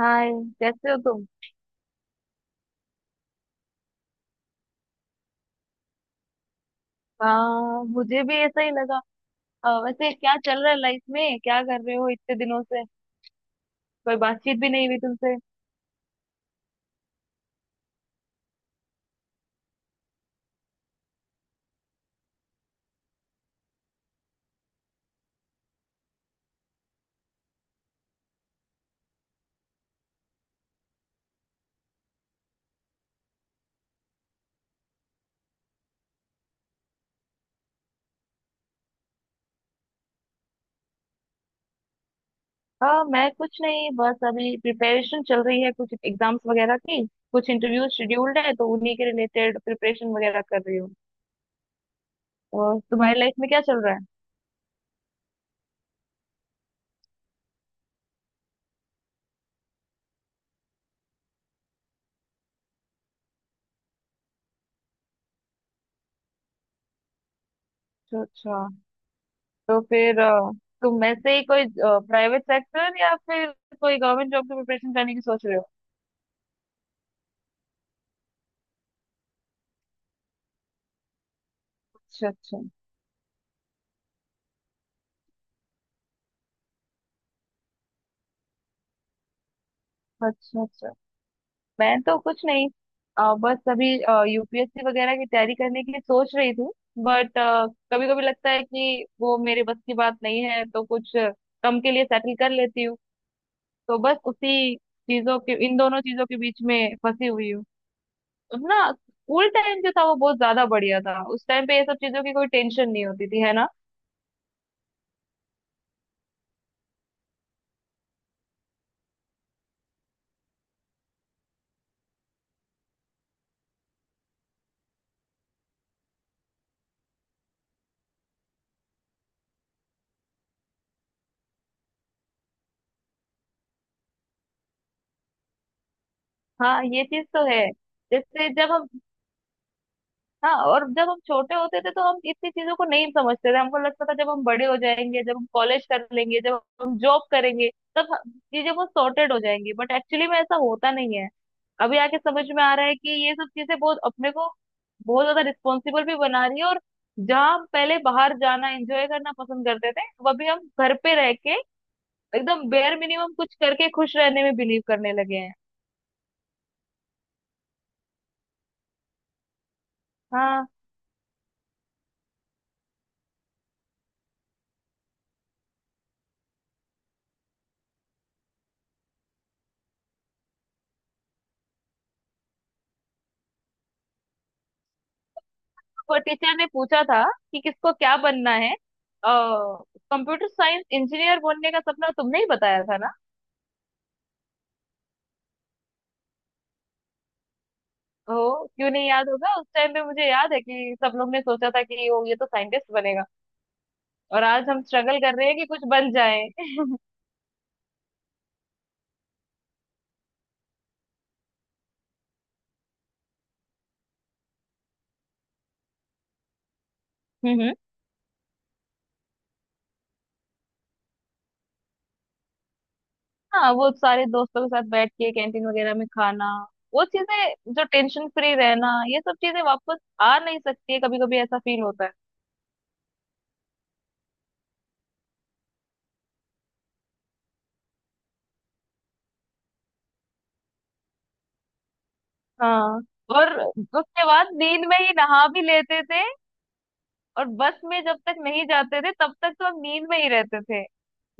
हाय। कैसे हो तुम? हाँ, मुझे भी ऐसा ही लगा। वैसे क्या चल रहा है लाइफ में, क्या कर रहे हो इतने दिनों से? कोई बातचीत भी नहीं हुई तुमसे। हाँ, मैं कुछ नहीं, बस अभी प्रिपरेशन चल रही है कुछ एग्जाम्स वगैरह की। कुछ इंटरव्यू शेड्यूल्ड है तो उन्हीं के रिलेटेड प्रिपरेशन वगैरह कर रही हूँ। और तुम्हारी लाइफ में क्या चल रहा है? अच्छा अच्छा। तो फिर तुम वैसे ही कोई प्राइवेट सेक्टर या फिर कोई गवर्नमेंट जॉब की प्रिपरेशन करने की सोच रहे हो? अच्छा अच्छा। अच्छा अच्छा। मैं तो कुछ नहीं, बस अभी यूपीएससी वगैरह की तैयारी करने की सोच रही थी, बट कभी कभी लगता है कि वो मेरे बस की बात नहीं है, तो कुछ कम के लिए सेटल कर लेती हूँ। तो बस उसी चीजों के, इन दोनों चीजों के बीच में फंसी हुई हूँ। अपना स्कूल टाइम जो था वो बहुत ज्यादा बढ़िया था। उस टाइम पे ये सब चीजों की कोई टेंशन नहीं होती थी, है ना? हाँ, ये चीज तो है। जैसे जब हम हाँ, और जब हम छोटे होते थे तो हम इतनी चीजों को नहीं समझते थे। हमको लगता था जब हम बड़े हो जाएंगे, जब हम कॉलेज कर लेंगे, जब हम जॉब करेंगे तब चीजें बहुत सॉर्टेड हो जाएंगी, बट एक्चुअली में ऐसा होता नहीं है। अभी आके समझ में आ रहा है कि ये सब चीजें बहुत अपने को बहुत ज्यादा रिस्पॉन्सिबल भी बना रही है, और जहाँ हम पहले बाहर जाना, एंजॉय करना पसंद करते थे, अब अभी हम घर पे रह के एकदम बेयर मिनिमम कुछ करके खुश रहने में बिलीव करने लगे हैं। हाँ। वो टीचर ने पूछा था कि किसको क्या बनना है। कंप्यूटर साइंस इंजीनियर बनने का सपना तुमने ही बताया था ना? ओ, क्यों नहीं याद होगा। उस टाइम पे मुझे याद है कि सब लोग ने सोचा था कि ओ, ये तो साइंटिस्ट बनेगा। और आज हम स्ट्रगल कर रहे हैं कि कुछ बन जाए। हम्म। हाँ, वो सारे दोस्तों के साथ बैठ के कैंटीन वगैरह में खाना, वो चीजें, जो टेंशन फ्री रहना, ये सब चीजें वापस आ नहीं सकती है। कभी कभी ऐसा फील होता है। हाँ। और उसके बाद नींद में ही नहा भी लेते थे। और बस में जब तक नहीं जाते थे तब तक तो हम नींद में ही रहते थे।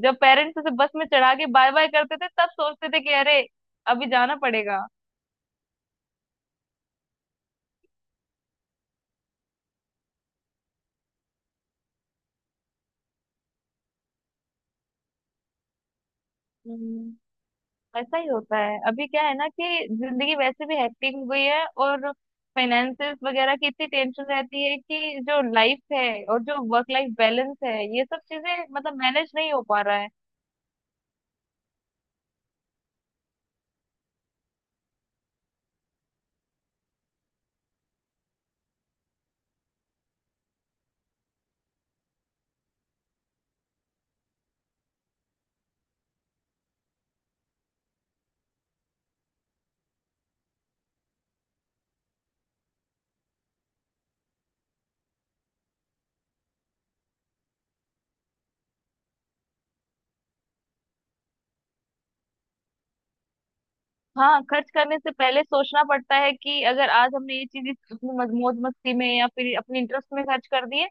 जब पेरेंट्स उसे बस में चढ़ा के बाय बाय करते थे तब सोचते थे कि अरे, अभी जाना पड़ेगा। हम्म, ऐसा ही होता है। अभी क्या है ना कि जिंदगी वैसे भी हेक्टिक हो गई है, और फाइनेंसेस वगैरह की इतनी टेंशन रहती है कि जो लाइफ है और जो वर्क लाइफ बैलेंस है, ये सब चीजें मतलब मैनेज नहीं हो पा रहा है। हाँ, खर्च करने से पहले सोचना पड़ता है कि अगर आज हमने ये चीज अपनी मौज मस्ती में या फिर अपने इंटरेस्ट में खर्च कर दिए,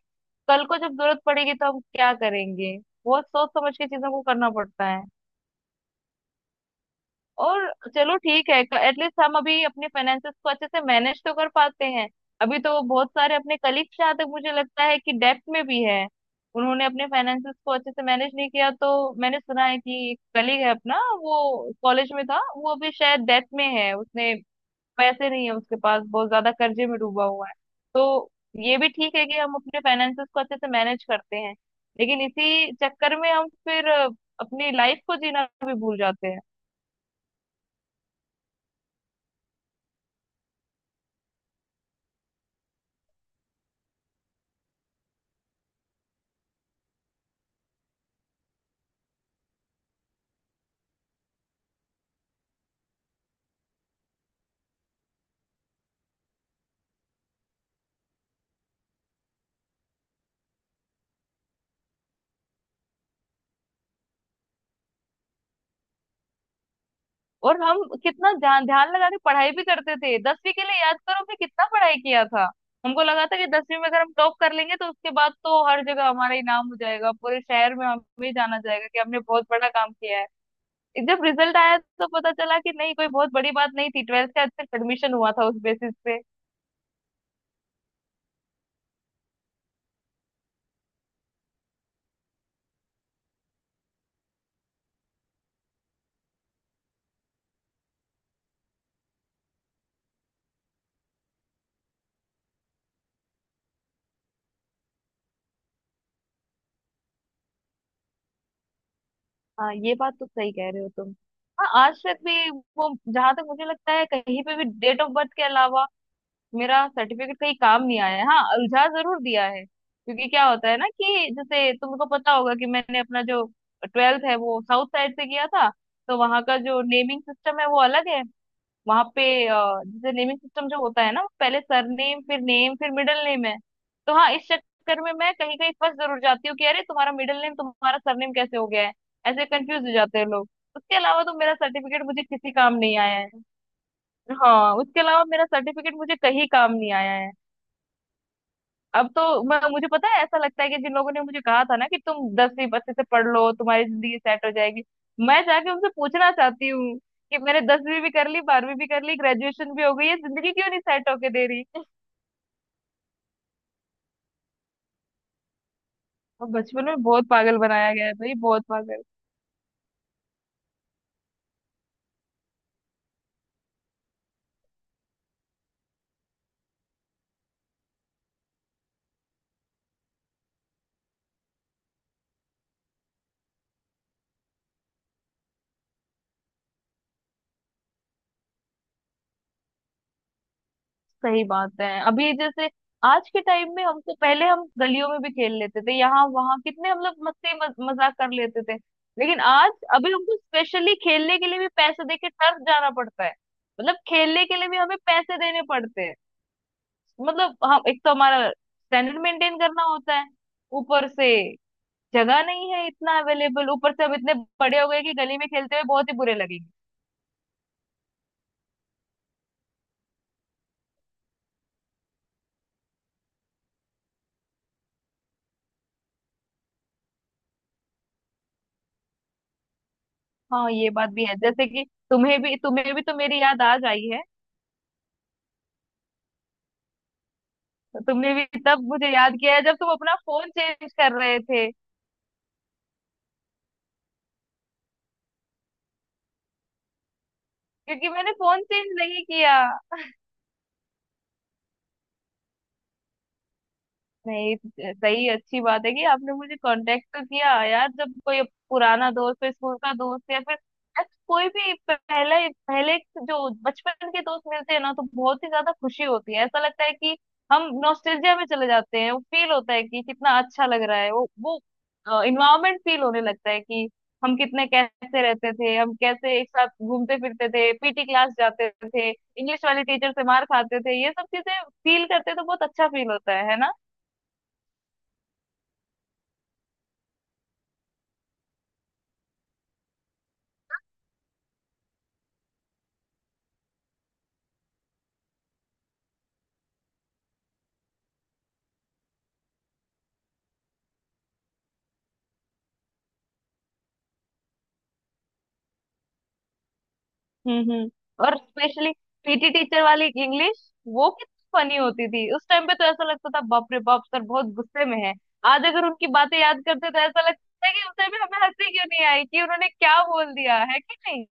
कल को जब जरूरत पड़ेगी तो हम क्या करेंगे? बहुत सोच समझ के चीजों को करना पड़ता है। और चलो, ठीक है, एटलीस्ट हम अभी अपने फाइनेंसेस को अच्छे से मैनेज तो कर पाते हैं। अभी तो बहुत सारे अपने कलीग्स, जहाँ तक मुझे लगता है, कि डेब्ट में भी है। उन्होंने अपने फाइनेंसेस को अच्छे से मैनेज नहीं किया। तो मैंने सुना है कि कलीग है अपना, वो कॉलेज में था, वो अभी शायद डेब्ट में है। उसने पैसे नहीं है उसके पास, बहुत ज्यादा कर्जे में डूबा हुआ है। तो ये भी ठीक है कि हम अपने फाइनेंसेस को अच्छे से मैनेज करते हैं, लेकिन इसी चक्कर में हम फिर अपनी लाइफ को जीना भी भूल जाते हैं। और हम कितना ध्यान ध्यान लगा के पढ़ाई भी करते थे। दसवीं के लिए याद करो, हमने कितना पढ़ाई किया था। हमको लगा था कि दसवीं में अगर हम टॉप कर लेंगे तो उसके बाद तो हर जगह हमारा ही नाम हो जाएगा, पूरे शहर में हमें जाना जाएगा कि हमने बहुत बड़ा काम किया है। जब रिजल्ट आया तो पता चला कि नहीं, कोई बहुत बड़ी बात नहीं थी, ट्वेल्थ का सिर्फ एडमिशन हुआ था उस बेसिस पे। हाँ, ये बात तो सही कह रहे हो तुम। हाँ, आज तक भी वो, जहां तक मुझे लगता है, कहीं पे भी डेट ऑफ बर्थ के अलावा मेरा सर्टिफिकेट कहीं काम नहीं आया है। हाँ, उलझा जरूर दिया है, क्योंकि क्या होता है ना, कि जैसे तुमको पता होगा कि मैंने अपना जो ट्वेल्थ है वो साउथ साइड से किया था। तो वहां का जो नेमिंग सिस्टम है वो अलग है। वहां पे अ, जैसे नेमिंग सिस्टम जो होता है ना, पहले सरनेम फिर नेम फिर मिडिल नेम है। तो हाँ, इस चक्कर में मैं कहीं कहीं फंस जरूर जाती हूँ कि अरे तुम्हारा मिडिल नेम तुम्हारा सरनेम कैसे हो गया है। ऐसे कंफ्यूज हो जाते हैं लोग। उसके अलावा तो मेरा सर्टिफिकेट मुझे किसी काम नहीं आया है। हाँ, उसके अलावा मेरा सर्टिफिकेट मुझे कहीं काम नहीं आया है। अब तो मैं, मुझे पता है, ऐसा लगता है कि जिन लोगों ने मुझे कहा था ना कि तुम दसवीं अच्छे से पढ़ लो तुम्हारी जिंदगी सेट हो जाएगी, मैं जाके उनसे पूछना चाहती हूँ कि मैंने दसवीं भी कर ली, बारहवीं भी कर ली, ग्रेजुएशन भी हो गई है, जिंदगी क्यों नहीं सेट होके दे रही? और बचपन में बहुत पागल बनाया गया है भाई, बहुत पागल। सही बात है। अभी जैसे आज के टाइम में हमको, पहले हम गलियों में भी खेल लेते थे, यहाँ वहाँ कितने हम लोग मस्ती मजाक कर लेते थे। लेकिन आज अभी हमको स्पेशली खेलने के लिए भी पैसे दे के टर्फ जाना पड़ता है। मतलब खेलने के लिए भी हमें पैसे देने पड़ते हैं। मतलब हम, एक तो हमारा स्टैंडर्ड मेंटेन करना होता है, ऊपर से जगह नहीं है इतना अवेलेबल, ऊपर से अब इतने बड़े हो गए कि गली में खेलते हुए बहुत ही बुरे लगेंगे। हाँ, ये बात भी है। जैसे कि तुम्हें भी, तुम्हें भी तो मेरी याद आज आई है। तो तुमने भी तब मुझे याद किया है जब तुम अपना फोन चेंज कर रहे थे। क्योंकि मैंने फोन चेंज नहीं किया। नहीं, सही, अच्छी बात है कि आपने मुझे कांटेक्ट तो किया यार। जब कोई पुराना दोस्त हो, स्कूल का दोस्त या फिर यार कोई भी, पहले पहले जो बचपन के दोस्त मिलते हैं ना, तो बहुत ही ज्यादा खुशी होती है। ऐसा लगता है कि हम नॉस्टैल्जिया में चले जाते हैं। वो फील होता है कि कितना अच्छा लग रहा है, वो इन्वायरमेंट फील होने लगता है कि हम कितने, कैसे रहते थे, हम कैसे एक साथ घूमते फिरते थे, पीटी क्लास जाते थे, इंग्लिश वाली टीचर से मार खाते थे, ये सब चीजें फील करते तो बहुत अच्छा फील होता है ना? हम्म। और स्पेशली पीटी टीचर वाली इंग्लिश, वो कितनी फनी होती थी। उस टाइम पे तो ऐसा लगता था बाप रे बाप, सर बहुत गुस्से में है। आज अगर उनकी बातें याद करते तो ऐसा लगता है कि उस टाइम पे हमें हंसी क्यों नहीं आई कि उन्होंने क्या बोल दिया है कि नहीं।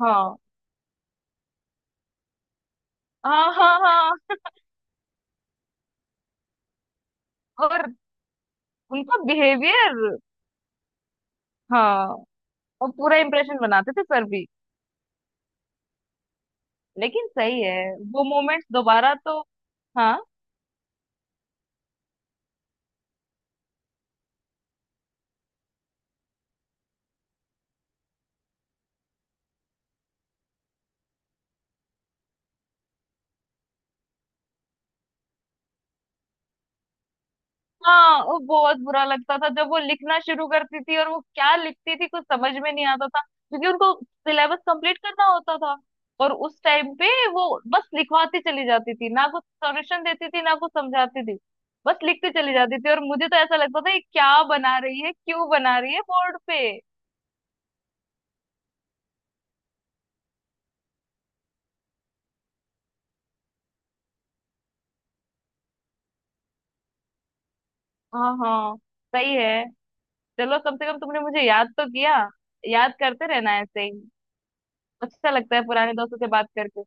हाँ हाँ हाँ। हाँ, और उनका बिहेवियर। हाँ, और पूरा इंप्रेशन बनाते थे सर भी। लेकिन सही है, वो मोमेंट्स दोबारा तो, हाँ। हाँ, वो बहुत बुरा लगता था जब वो लिखना शुरू करती थी और वो क्या लिखती थी कुछ समझ में नहीं आता था, क्योंकि उनको सिलेबस कंप्लीट करना होता था। और उस टाइम पे वो बस लिखवाती चली जाती थी, ना कुछ सॉल्यूशन देती थी ना कुछ समझाती थी, बस लिखती चली जाती थी। और मुझे तो ऐसा लगता था ये क्या बना रही है, क्यों बना रही है बोर्ड पे। हाँ हाँ, सही है। चलो, कम से कम तुमने मुझे याद तो किया। याद करते रहना ऐसे ही। अच्छा लगता है पुराने दोस्तों से बात करके।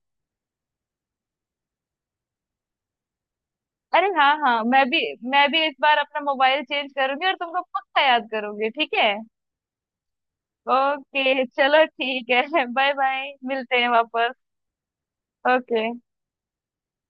अरे हाँ हाँ, मैं भी, मैं भी इस बार अपना मोबाइल चेंज करूंगी और तुमको पक्का याद करूंगी, ठीक है? ओके चलो, ठीक है। बाय बाय, मिलते हैं वापस। ओके।